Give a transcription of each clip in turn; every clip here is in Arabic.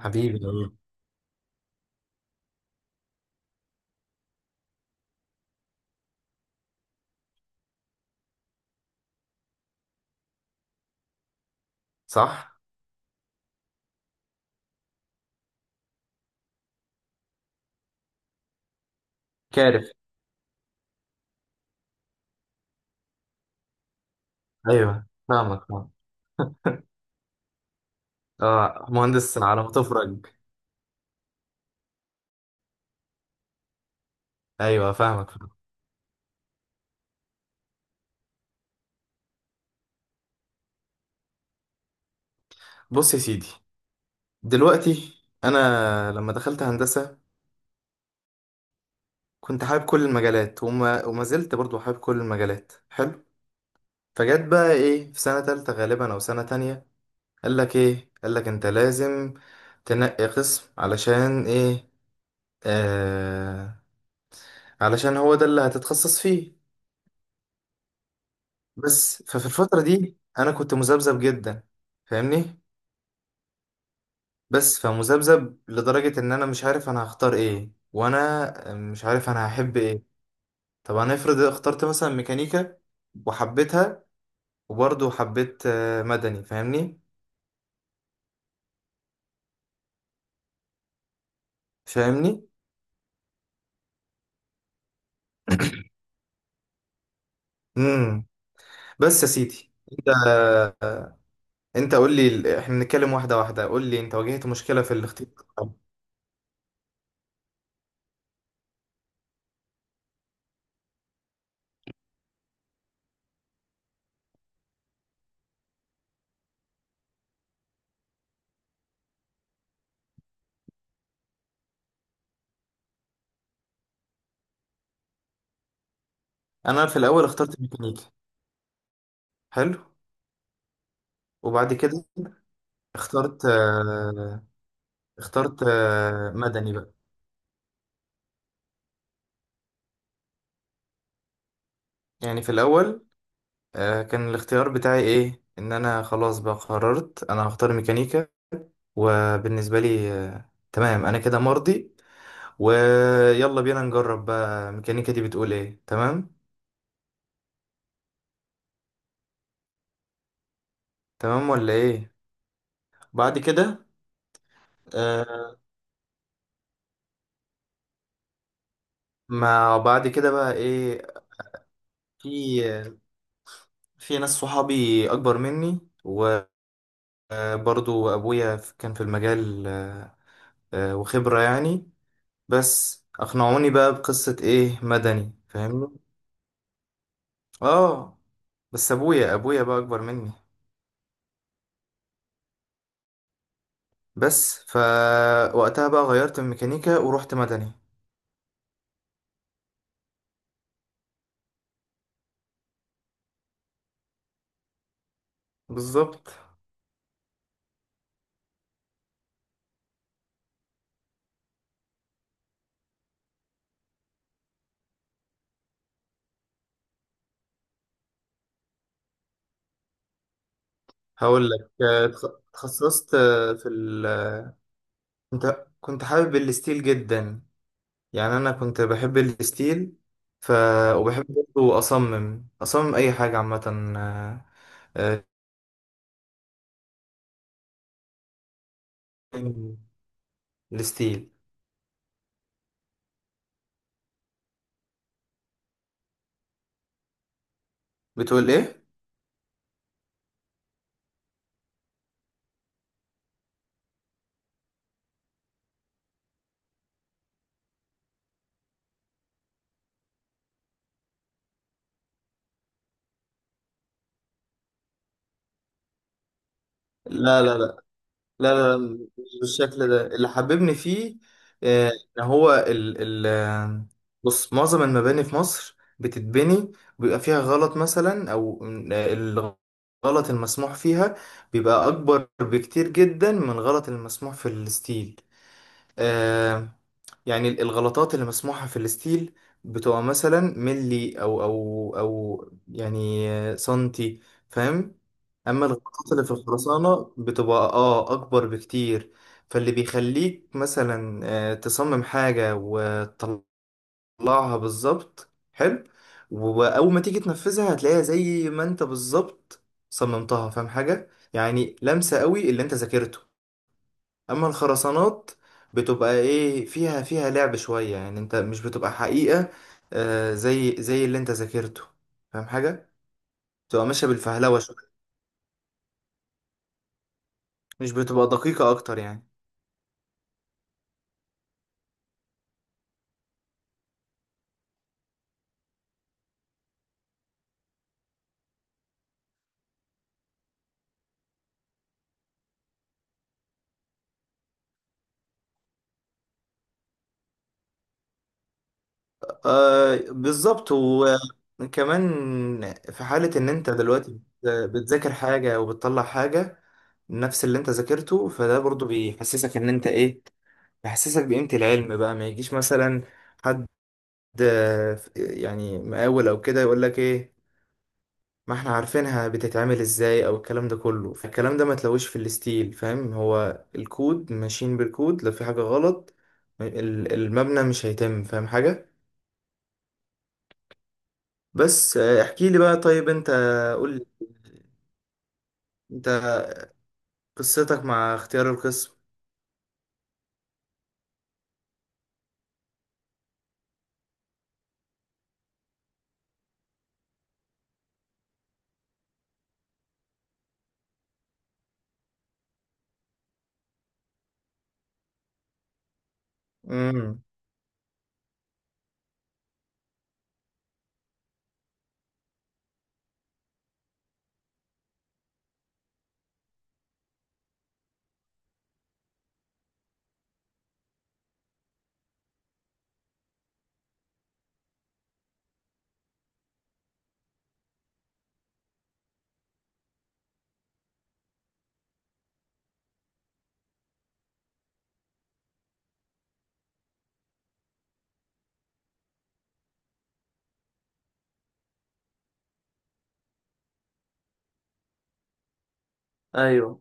حبيبي والله. صح. كارف. ايوه، فاهمك فاهمك. اه، مهندس على ما تفرج. ايوه، فاهمك فاهمك. بص يا سيدي، دلوقتي انا لما دخلت هندسه كنت حابب كل المجالات وما زلت برضو حابب كل المجالات. حلو. فجت بقى ايه في سنه تالتة غالبا او سنه تانية، قال لك ايه؟ قال لك انت لازم تنقي قسم. علشان ايه؟ آه علشان هو ده اللي هتتخصص فيه. بس ففي الفتره دي انا كنت مذبذب جدا، فاهمني؟ بس فمذبذب لدرجة ان انا مش عارف انا هختار ايه، وانا مش عارف انا هحب ايه. طب انا افرض اخترت مثلا ميكانيكا وحبيتها، وبرضه حبيت مدني، فاهمني؟ فاهمني. امم بس يا سيدي، انت قول لي ال- احنا بنتكلم واحده واحده. قول لي، انت واجهت مشكله في الاختيار. انا في الاول اخترت ميكانيكا. حلو. وبعد كده اخترت مدني بقى. يعني في الاول كان الاختيار بتاعي ايه؟ ان انا خلاص بقى قررت انا هختار ميكانيكا، وبالنسبه لي تمام انا كده مرضي. ويلا بينا نجرب بقى الميكانيكا دي بتقول ايه. تمام، تمام ولا ايه. بعد كده آه، ما بعد كده بقى ايه، في في ناس صحابي اكبر مني، وبرضو ابويا كان في المجال وخبره يعني. بس اقنعوني بقى بقصه ايه، مدني، فاهمني؟ اه. بس ابويا، ابويا بقى اكبر مني. بس فوقتها بقى غيرت من ميكانيكا ورحت مدني. بالظبط. هقول لك، اتخصصت في ال آه، كنت حابب الستيل جدا. يعني انا كنت بحب الستيل. ف وبحب برضه اصمم اي حاجه عامه. آه، آه، الستيل. بتقول ايه؟ لا لا لا، لا، لا، مش بالشكل ده اللي حببني فيه. آه، ان هو ال ال آه، بص، معظم المباني في مصر بتتبني بيبقى فيها غلط مثلا، او الغلط المسموح فيها بيبقى اكبر بكتير جدا من غلط المسموح في الستيل. آه يعني الغلطات اللي مسموحة في الستيل بتبقى مثلا ملي أو أو يعني سنتي، فاهم؟ أما الغلطات اللي في الخرسانة بتبقى أكبر بكتير. فاللي بيخليك مثلا تصمم حاجة وتطلعها بالظبط. حلو. وأول ما تيجي تنفذها هتلاقيها زي ما أنت بالظبط صممتها، فاهم حاجة؟ يعني لمسة قوي اللي أنت ذاكرته. اما الخرسانات بتبقى ايه، فيها لعب شوية، يعني انت مش بتبقى حقيقة زي اللي انت ذاكرته، فاهم حاجة؟ بتبقى ماشية بالفهلوة شوية، مش بتبقى دقيقة اكتر يعني. بالظبط. وكمان في حالة ان انت دلوقتي بتذاكر حاجة وبتطلع حاجة نفس اللي انت ذاكرته، فده برضو بيحسسك ان انت ايه، بيحسسك بقيمة العلم. بقى ما يجيش مثلا حد، يعني مقاول او كده، يقول لك ايه، ما احنا عارفينها بتتعمل ازاي او الكلام ده كله. فالكلام ده ما تلوش في الستيل، فاهم؟ هو الكود، ماشيين بالكود. لو في حاجة غلط ال- المبنى مش هيتم، فاهم حاجة؟ بس احكي لي بقى. طيب انت قول لي انت قصتك مع اختيار القسم. امم ايوه.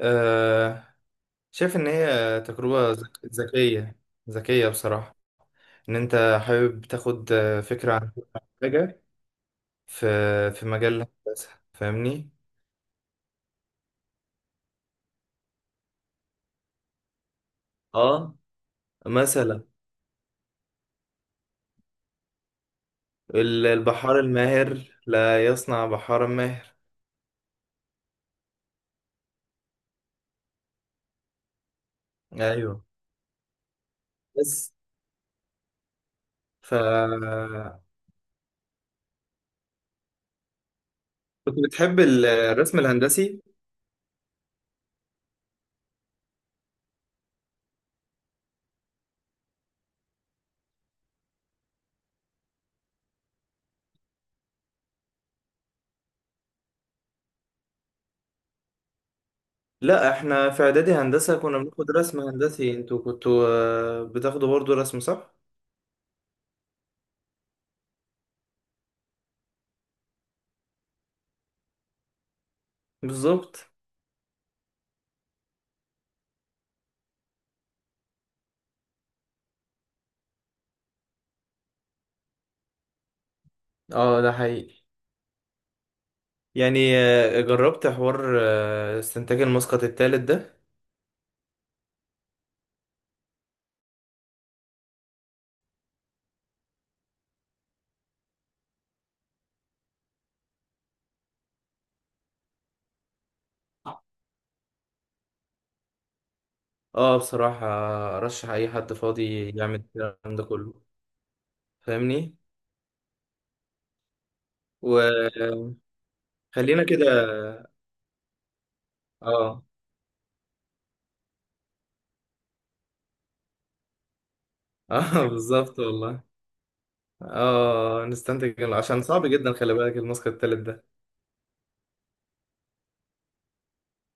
أه، شايف ان هي تجربة ذكية. ذكية بصراحة. ان انت حابب تاخد فكرة عن حاجة في في مجال الهندسة، فاهمني؟ اه، مثلا ال- البحار الماهر لا يصنع بحارا ماهر. ايوه. بس ف كنت بتحب ال- الرسم الهندسي؟ لا، احنا في اعدادي هندسة كنا بناخد رسم هندسي. انتوا كنتوا بتاخدوا برضو رسم، صح؟ بالظبط. اه، ده حقيقي. يعني جربت حوار استنتاج المسقط الثالث ده. اه، بصراحة ارشح اي حد فاضي يعمل الكلام ده كله. فاهمني؟ وخلينا كده. اه. اه، بالظبط والله. اه، نستنتج إنه- عشان صعب جدا، خلي بالك الماسك التالت ده.